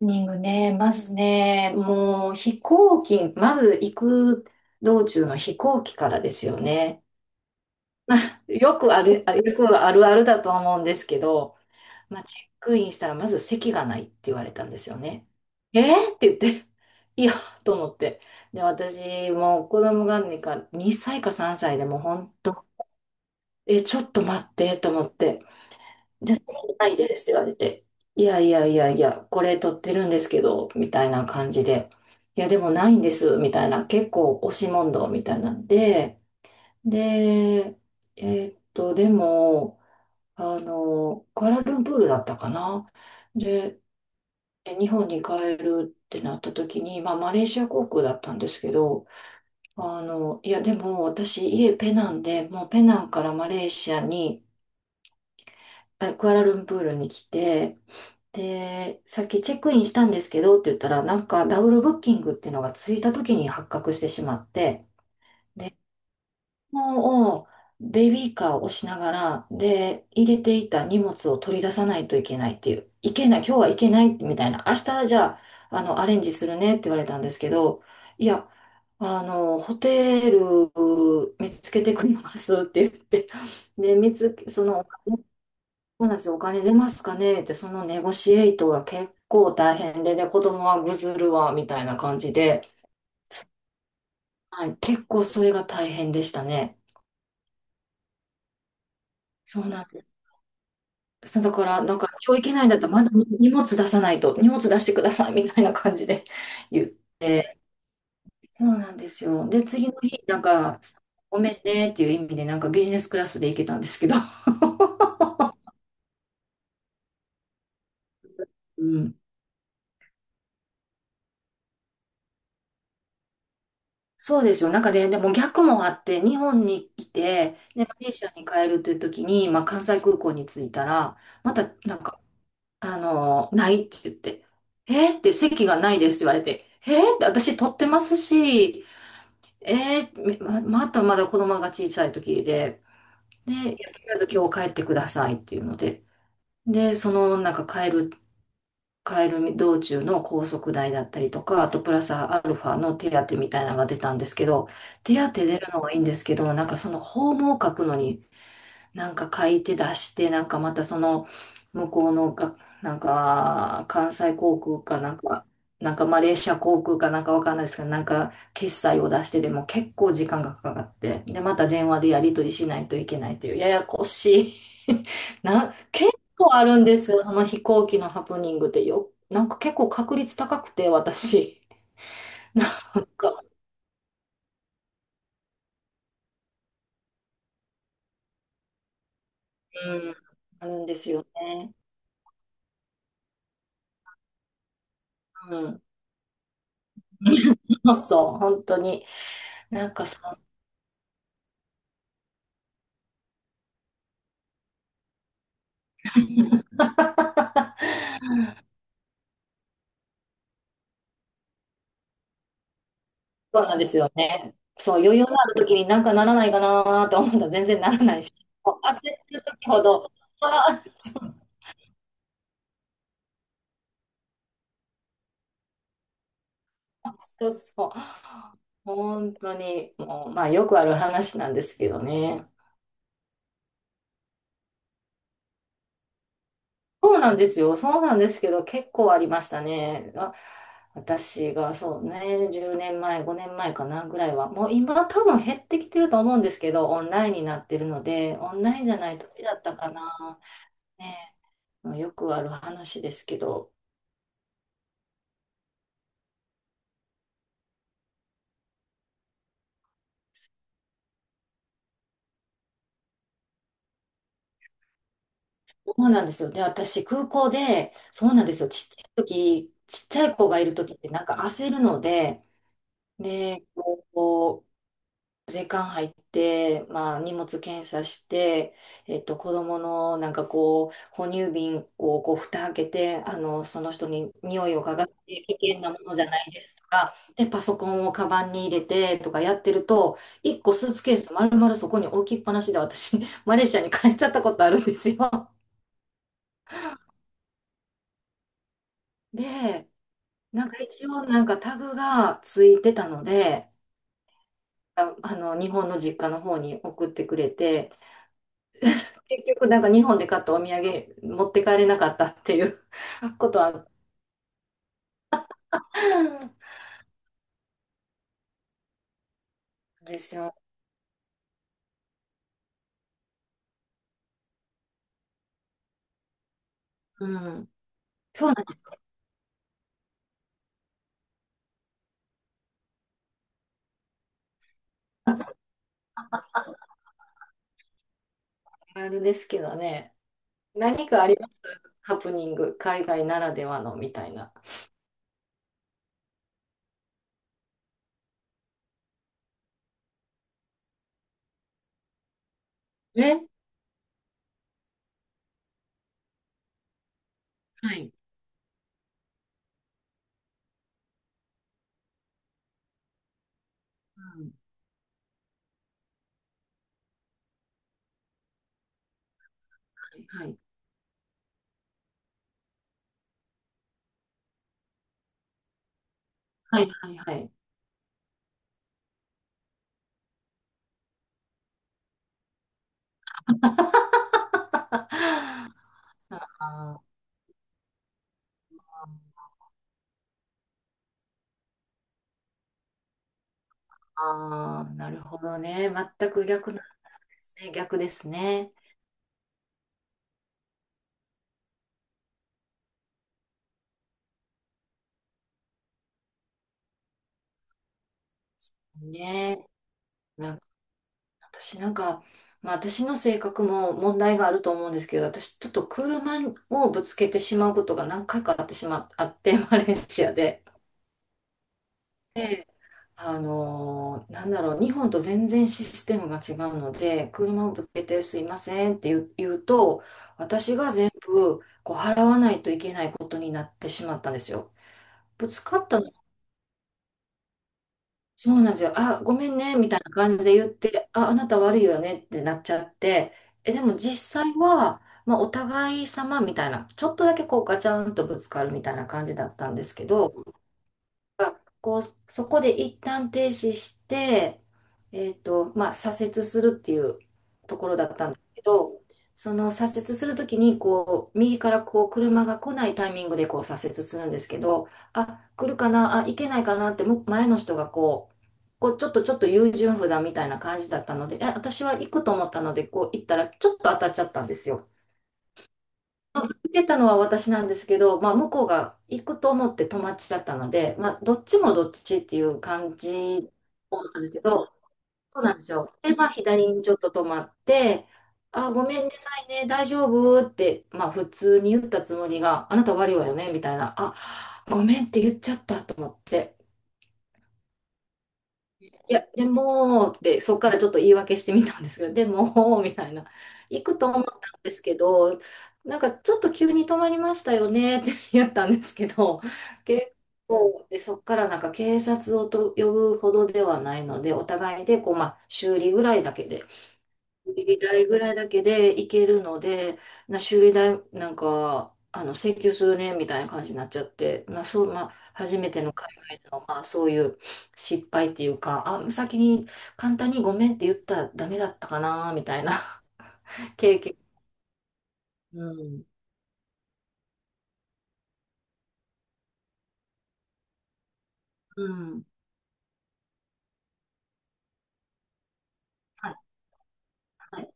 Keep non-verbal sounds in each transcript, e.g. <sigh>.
ニングね、まずね、もう飛行機、まず行く道中の飛行機からですよね。<laughs> よくある、よくあるあるだと思うんですけど、まあ、チェックインしたらまず席がないって言われたんですよね。えー、って言って、<laughs> いや、と思って。で、私、もう子供が2歳か3歳でもうほんと、え、ちょっと待って、と思って。じゃあ、ないですって言われて、いやいやいやいや、これ撮ってるんですけど、みたいな感じで、いや、でもないんです、みたいな、結構押し問答みたいなんで、で、えでも、クアラルンプールだったかな。で、日本に帰るってなった時に、まあ、マレーシア航空だったんですけど、でも私、家ペナンで、もうペナンからマレーシアに、クアラルンプールに来て、で、さっきチェックインしたんですけどって言ったら、なんかダブルブッキングっていうのがついた時に発覚してしまって、で、もうベビーカーを押しながら、で、入れていた荷物を取り出さないといけないっていう、いけない、今日はいけないみたいな、明日じゃあ、アレンジするねって言われたんですけど、いや、ホテル見つけてくれますって言って、で、見つけ、その、そうなんですよ。お金出ますかねって、そのネゴシエイトが結構大変で、で、子供はぐずるわ、みたいな感じで、はい、結構それが大変でしたね。そうなんです。そうだから、なんか、今日行けないんだったら、まず荷物出さないと、荷物出してください、みたいな感じで <laughs> 言って、そうなんですよ。で、次の日、なんか、ごめんねっていう意味で、なんかビジネスクラスで行けたんですけど、<laughs> うん。そうですよ。なんかね、でも逆もあって、日本に来て、で、マレーシアに帰るという時に、まあ、関西空港に着いたら、また、なんか、ないって言って、えーって席がないですって言われて、えーって私取ってますし、ま、またまだ子供が小さい時で、で、いや、とりあえず今日帰ってくださいっていうので、で、帰る道中の高速代だったりとか、あとプラスアルファの手当みたいなのが出たんですけど、手当出るのはいいんですけど、なんかそのホームを書くのになんか書いて出して、なんかまたその向こうのが、なんか関西航空かなんか、なんかマレーシア航空かなんかわかんないですけど、なんか決済を出してでも結構時間がかかって、で、また電話でやり取りしないといけないという、ややこしい <laughs> 結構あるんですよ、その飛行機のハプニングってなんか結構確率高くて、私。<laughs> なんか、うん、あるんですよね。うん。<laughs> そうそう、本当に。なんかそそうなんですよね。そう、余裕のある時になんかならないかなと思ったら全然ならないし、もう焦ってる時ほど、ああ、そう、そうそう。本当に、もう、まあよくある話なんですけどね。そうなんですよ。そうなんですけど、結構ありましたね。あ、私がそうね、10年前、5年前かなぐらいは、もう今多分減ってきてると思うんですけど、オンラインになってるので、オンラインじゃない時だったかな。ねえ、もうよくある話ですけど、そうなんですよ。で、私、空港で、そうなんですよ。ちっちゃい時、ちっちゃい子がいる時って、なんか焦るので、で、こう、時間入って、まあ、荷物検査して、子供のなんかこう、哺乳瓶をこう、蓋開けて、その人に匂いを嗅がせて、危険なものじゃないですとか、で、パソコンをカバンに入れてとかやってると、一個スーツケース丸々そこに置きっぱなしで私、<laughs> マレーシアに帰っちゃったことあるんですよ。で、なんか一応なんかタグがついてたので、日本の実家の方に送ってくれて、結局、なんか日本で買ったお土産持って帰れなかったっていう <laughs> ことはあったですよ。うん。あるですけどね。何かありますハプニング、海外ならではのみたいな。えはい。うん、はい。はい。はい。はい。ああ、ー、なるほどね。全く逆なんですね。逆ですね。ね。なんか私なんか、まあ私の性格も問題があると思うんですけど、私ちょっと車をぶつけてしまうことが何回かあってしま、<laughs> あって、マレーシアで。で、なんだろう、日本と全然システムが違うので、車をぶつけてすいませんって言う、言うと、私が全部こう払わないといけないことになってしまったんですよ。ぶつかったそうなんですよ。あ、ごめんね、みたいな感じで言って、あ、あなた悪いよねってなっちゃって、え、でも実際は、まあ、お互い様みたいな、ちょっとだけこうガチャンとぶつかるみたいな感じだったんですけど、が、こう、そこで一旦停止して、まあ、左折するっていうところだったんだけど、その左折するときに、こう、右からこう、車が来ないタイミングでこう、左折するんですけど、あ、来るかな、あ、行けないかなって、前の人がこう、こう、ちょっと優柔不断みたいな感じだったので、え、私は行くと思ったので、こう、行ったら、ちょっと当たっちゃったんですよ。受けたのは私なんですけど、まあ、向こうが行くと思って友達だったので、まあ、どっちもどっちっていう感じだったんですけど、そうなんですよ。で、まあ、左にちょっと止まって、あ、ごめんなさいね、大丈夫って、まあ、普通に言ったつもりが、あなた悪いわよね、みたいな、あ、ごめんって言っちゃったと思って。いや、でも、ってそこからちょっと言い訳してみたんですけど、でも、<laughs> みたいな。行くと思ったんですけど、なんかちょっと急に止まりましたよねって言ったんですけど、結構、で、そこからなんか警察を呼ぶほどではないので、お互いでこう、まあ、修理代ぐらいだけでいけるので、修理代なんか請求するねみたいな感じになっちゃって、まあ、初めての海外での、まあ、そういう失敗っていうか、あ、先に簡単にごめんって言ったらダメだったかなみたいな <laughs> 経験。うん。うん。はいはい。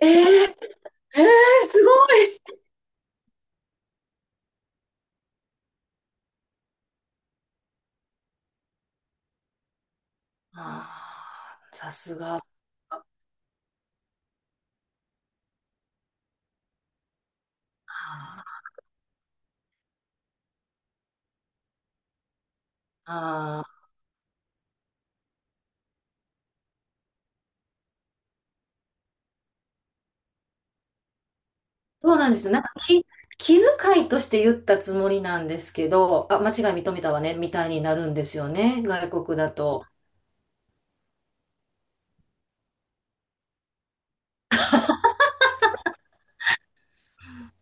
えー、すごい。ああ、さすが。あーあ。ー。そうなんですよ。気遣いとして言ったつもりなんですけど、あ、間違い認めたわね、みたいになるんですよね、外国だと。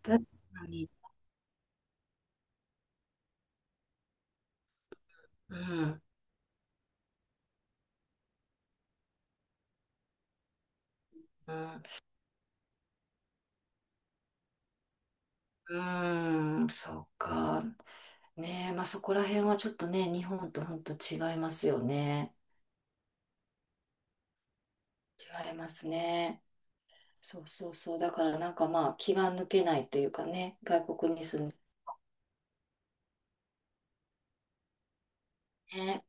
確かに。うん。うん、うーん、そうか。ねえ、まあそこら辺はちょっとね、日本と本当違いますよね。違いますね。そうそうそう。だからなんかまあ気が抜けないというかね、外国に住んでね。